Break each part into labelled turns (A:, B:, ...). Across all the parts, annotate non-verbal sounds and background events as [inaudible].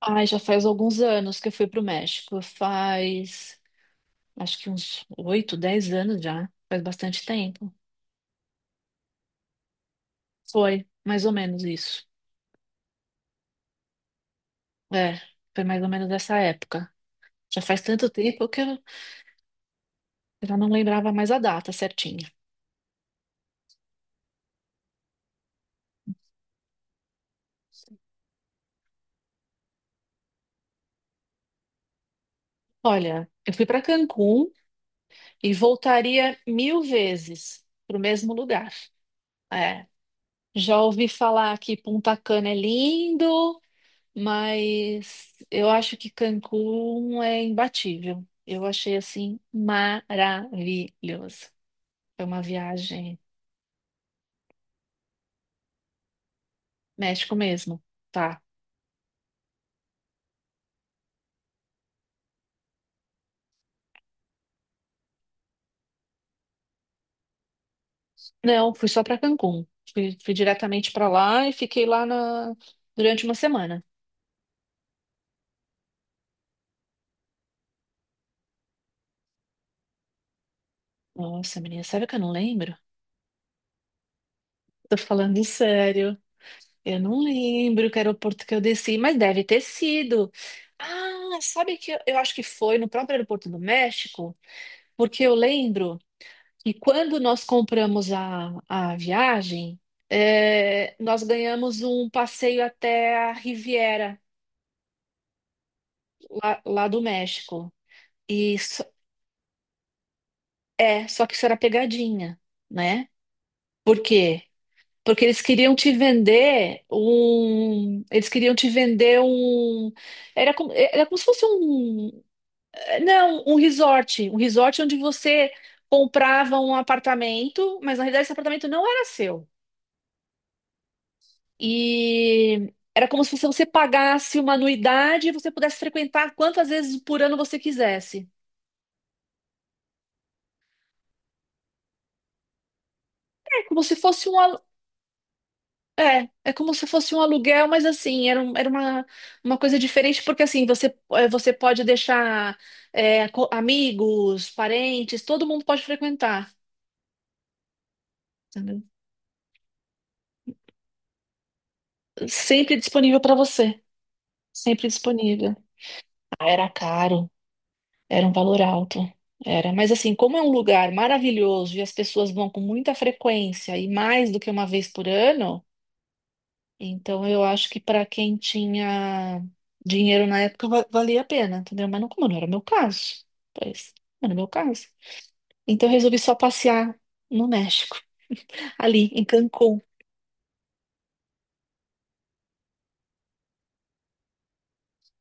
A: Ai, já faz alguns anos que eu fui pro México. Acho que uns 8, 10 anos já. Faz bastante tempo. Foi, mais ou menos isso. É, foi mais ou menos dessa época. Já faz tanto tempo que eu já não lembrava mais a data certinha. Olha, eu fui para Cancún e voltaria mil vezes pro mesmo lugar. É, já ouvi falar que Punta Cana é lindo. Mas eu acho que Cancún é imbatível. Eu achei assim maravilhoso. Foi uma viagem México mesmo, tá? Não, fui só para Cancún. Fui diretamente para lá e fiquei lá durante uma semana. Nossa, menina, sério que eu não lembro? Tô falando sério. Eu não lembro que aeroporto que eu desci, mas deve ter sido. Ah, sabe que eu acho que foi no próprio aeroporto do México? Porque eu lembro. E quando nós compramos a viagem, nós ganhamos um passeio até a Riviera, lá do México. E só- só que isso era pegadinha, né? Por quê? Porque eles queriam te vender um. Eles queriam te vender um. Era como se fosse um. Não, um resort. Um resort onde você comprava um apartamento, mas na realidade esse apartamento não era seu. E era como se você pagasse uma anuidade e você pudesse frequentar quantas vezes por ano você quisesse. É como se fosse um alu- é, é como se fosse um aluguel, mas assim, era uma coisa diferente, porque assim, você pode deixar amigos, parentes, todo mundo pode frequentar. Entendeu? Sempre disponível para você. Sempre disponível. Ah, era caro. Era um valor alto. Era, mas assim, como é um lugar maravilhoso e as pessoas vão com muita frequência e mais do que uma vez por ano, então eu acho que para quem tinha dinheiro na época valia a pena, entendeu? Mas não, como não era o meu caso, pois, não era o meu caso. Então eu resolvi só passear no México, [laughs] ali em Cancún.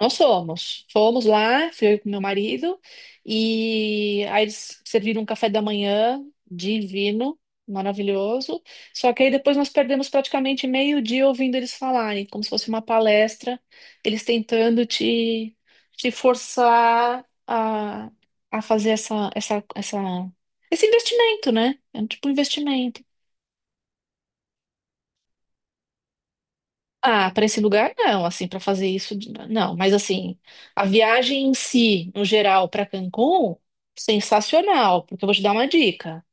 A: Nós fomos. Fomos lá, fui eu com meu marido, e aí eles serviram um café da manhã divino, maravilhoso. Só que aí depois nós perdemos praticamente meio dia ouvindo eles falarem, como se fosse uma palestra, eles tentando te forçar a fazer esse investimento, né? É um tipo de investimento. Ah, para esse lugar não, assim, para fazer isso, não. Mas assim, a viagem em si, no geral, para Cancún, sensacional, porque eu vou te dar uma dica.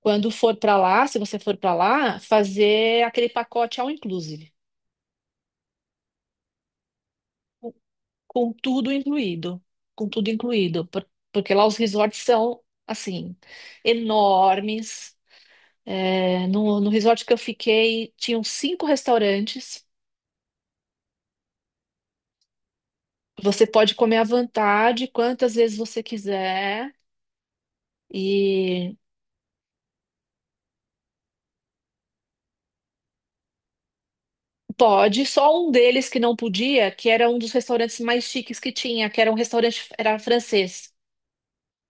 A: Quando for para lá, se você for para lá, fazer aquele pacote all inclusive, com com tudo incluído, com tudo incluído Porque lá os resorts são assim enormes. É, no resort que eu fiquei, tinham cinco restaurantes. Você pode comer à vontade, quantas vezes você quiser. E pode, só um deles que não podia, que era um dos restaurantes mais chiques que tinha, que era um restaurante, era francês.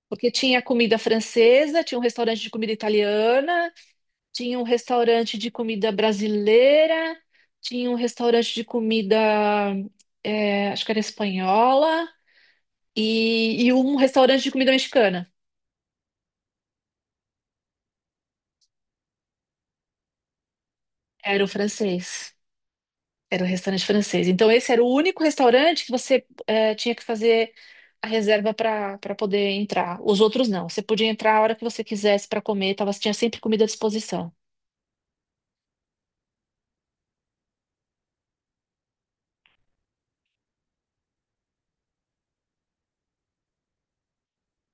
A: Porque tinha comida francesa, tinha um restaurante de comida italiana, tinha um restaurante de comida brasileira, tinha um restaurante de comida, acho que era espanhola, e um restaurante de comida mexicana. Era o francês. Era um restaurante francês. Então, esse era o único restaurante que você tinha que fazer a reserva para poder entrar. Os outros não. Você podia entrar a hora que você quisesse para comer, tava, tinha sempre comida à disposição.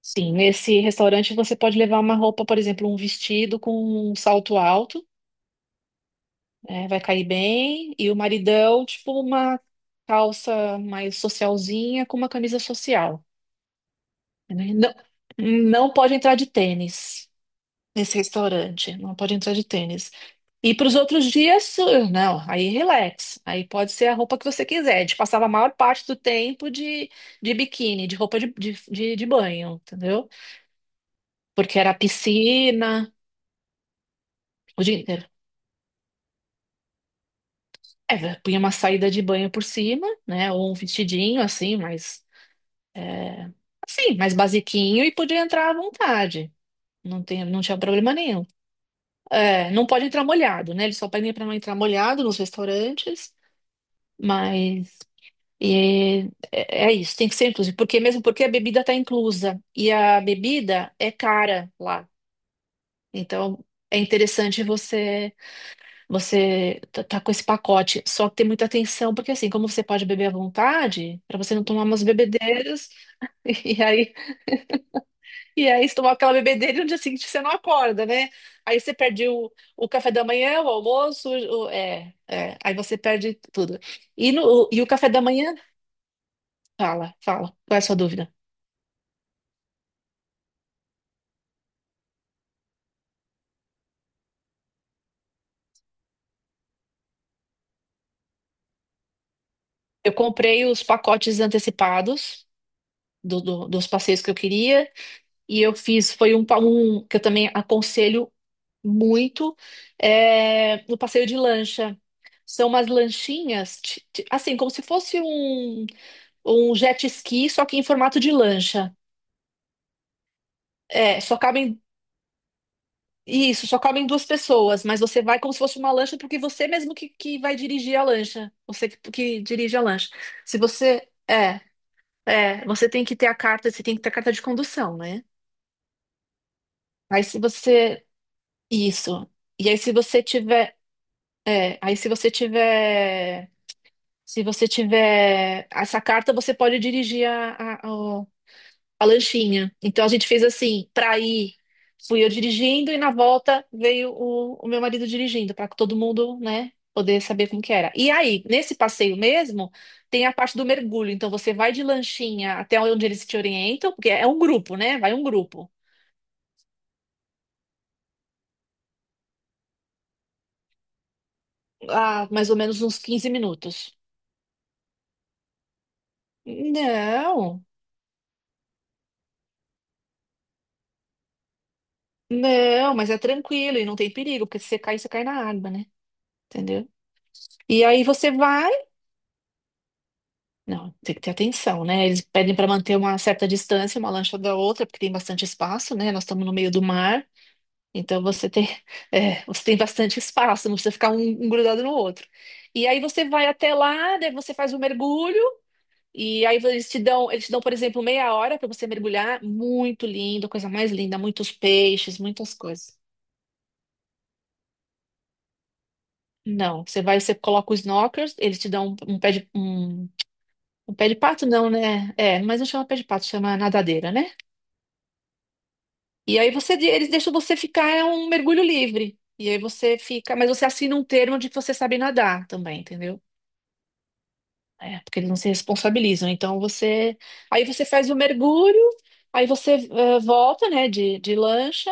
A: Sim, nesse restaurante você pode levar uma roupa, por exemplo, um vestido com um salto alto, vai cair bem, e o maridão, tipo, uma calça mais socialzinha com uma camisa social. Né? Não, não pode entrar de tênis nesse restaurante, não pode entrar de tênis. E para os outros dias, não, aí relax. Aí pode ser a roupa que você quiser. A gente passava a maior parte do tempo de biquíni, de roupa de banho, entendeu? Porque era piscina o dia inteiro. É, vé, punha uma saída de banho por cima, né? Ou um vestidinho assim, mas assim, mais basiquinho e podia entrar à vontade. Não tinha problema nenhum. É, não pode entrar molhado, né? Eles só pedem para não entrar molhado nos restaurantes, mas é isso, tem que ser inclusive, porque mesmo porque a bebida está inclusa e a bebida é cara lá. Então é interessante você tá com esse pacote, só que ter muita atenção, porque assim, como você pode beber à vontade, para você não tomar umas bebedeiras. [laughs] e aí e aí você tomar aquela bebedeira e no dia seguinte você não acorda, né? Aí você perde o café da manhã, o almoço, aí você perde tudo. E no, e o café da manhã, fala, fala, qual é a sua dúvida? Eu comprei os pacotes antecipados dos passeios que eu queria e eu foi um que eu também aconselho muito, no passeio de lancha. São umas lanchinhas, assim, como se fosse um jet ski, só que em formato de lancha. É, só cabem, isso, só cabem duas pessoas, mas você vai como se fosse uma lancha, porque você mesmo que vai dirigir a lancha, você que dirige a lancha. Se você, é, É, você tem que ter a carta, você tem que ter a carta de condução, né? Aí se você. Isso. E aí se você tiver. É, aí se você tiver. Se você tiver essa carta, você pode dirigir a lanchinha. Então a gente fez assim, pra ir, fui eu dirigindo e na volta veio o meu marido dirigindo, pra todo mundo, né, poder saber como que era. E aí, nesse passeio mesmo, tem a parte do mergulho. Então você vai de lanchinha até onde eles te orientam, porque é um grupo, né? Vai um grupo. Ah, mais ou menos uns 15 minutos. Não, não, mas é tranquilo e não tem perigo, porque se você cair, você cai na água, né? Entendeu? E aí você vai. Não, tem que ter atenção, né? Eles pedem para manter uma certa distância, uma lancha da outra, porque tem bastante espaço, né? Nós estamos no meio do mar, então você tem, [laughs] você tem bastante espaço, não precisa ficar um grudado no outro. E aí você vai até lá, daí você faz o mergulho, e aí eles te dão, por exemplo, meia hora para você mergulhar. Muito lindo, coisa mais linda, muitos peixes, muitas coisas. Não, você vai, você coloca os snorkels, eles te dão um pé de pato, não, né? É, mas não chama pé de pato, chama nadadeira, né? E aí eles deixam você ficar é um mergulho livre. E aí você fica, mas você assina um termo de que você sabe nadar também, entendeu? É, porque eles não se responsabilizam. Aí você faz o mergulho, aí você volta, né, de lancha.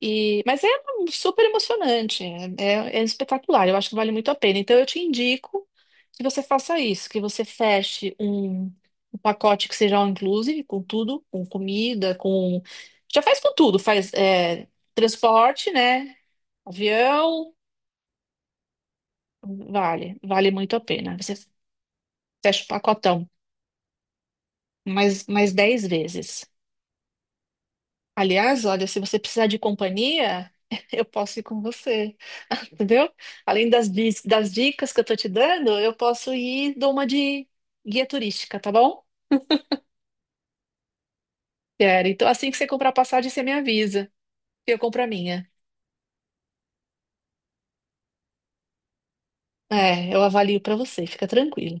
A: Mas é super emocionante, é espetacular, eu acho que vale muito a pena. Então eu te indico que você faça isso, que você feche um, pacote que seja all inclusive, com tudo, com comida, com. Já faz com tudo, faz transporte, né? Avião, vale muito a pena. Você fecha o pacotão mais 10 vezes. Aliás, olha, se você precisar de companhia, [laughs] eu posso ir com você, [laughs] entendeu? Além das, das dicas que eu tô te dando, eu posso ir e dou uma de guia turística, tá bom? Quero. Então, assim que você comprar a passagem, você me avisa. Eu compro a minha. É, eu avalio pra você, fica tranquilo.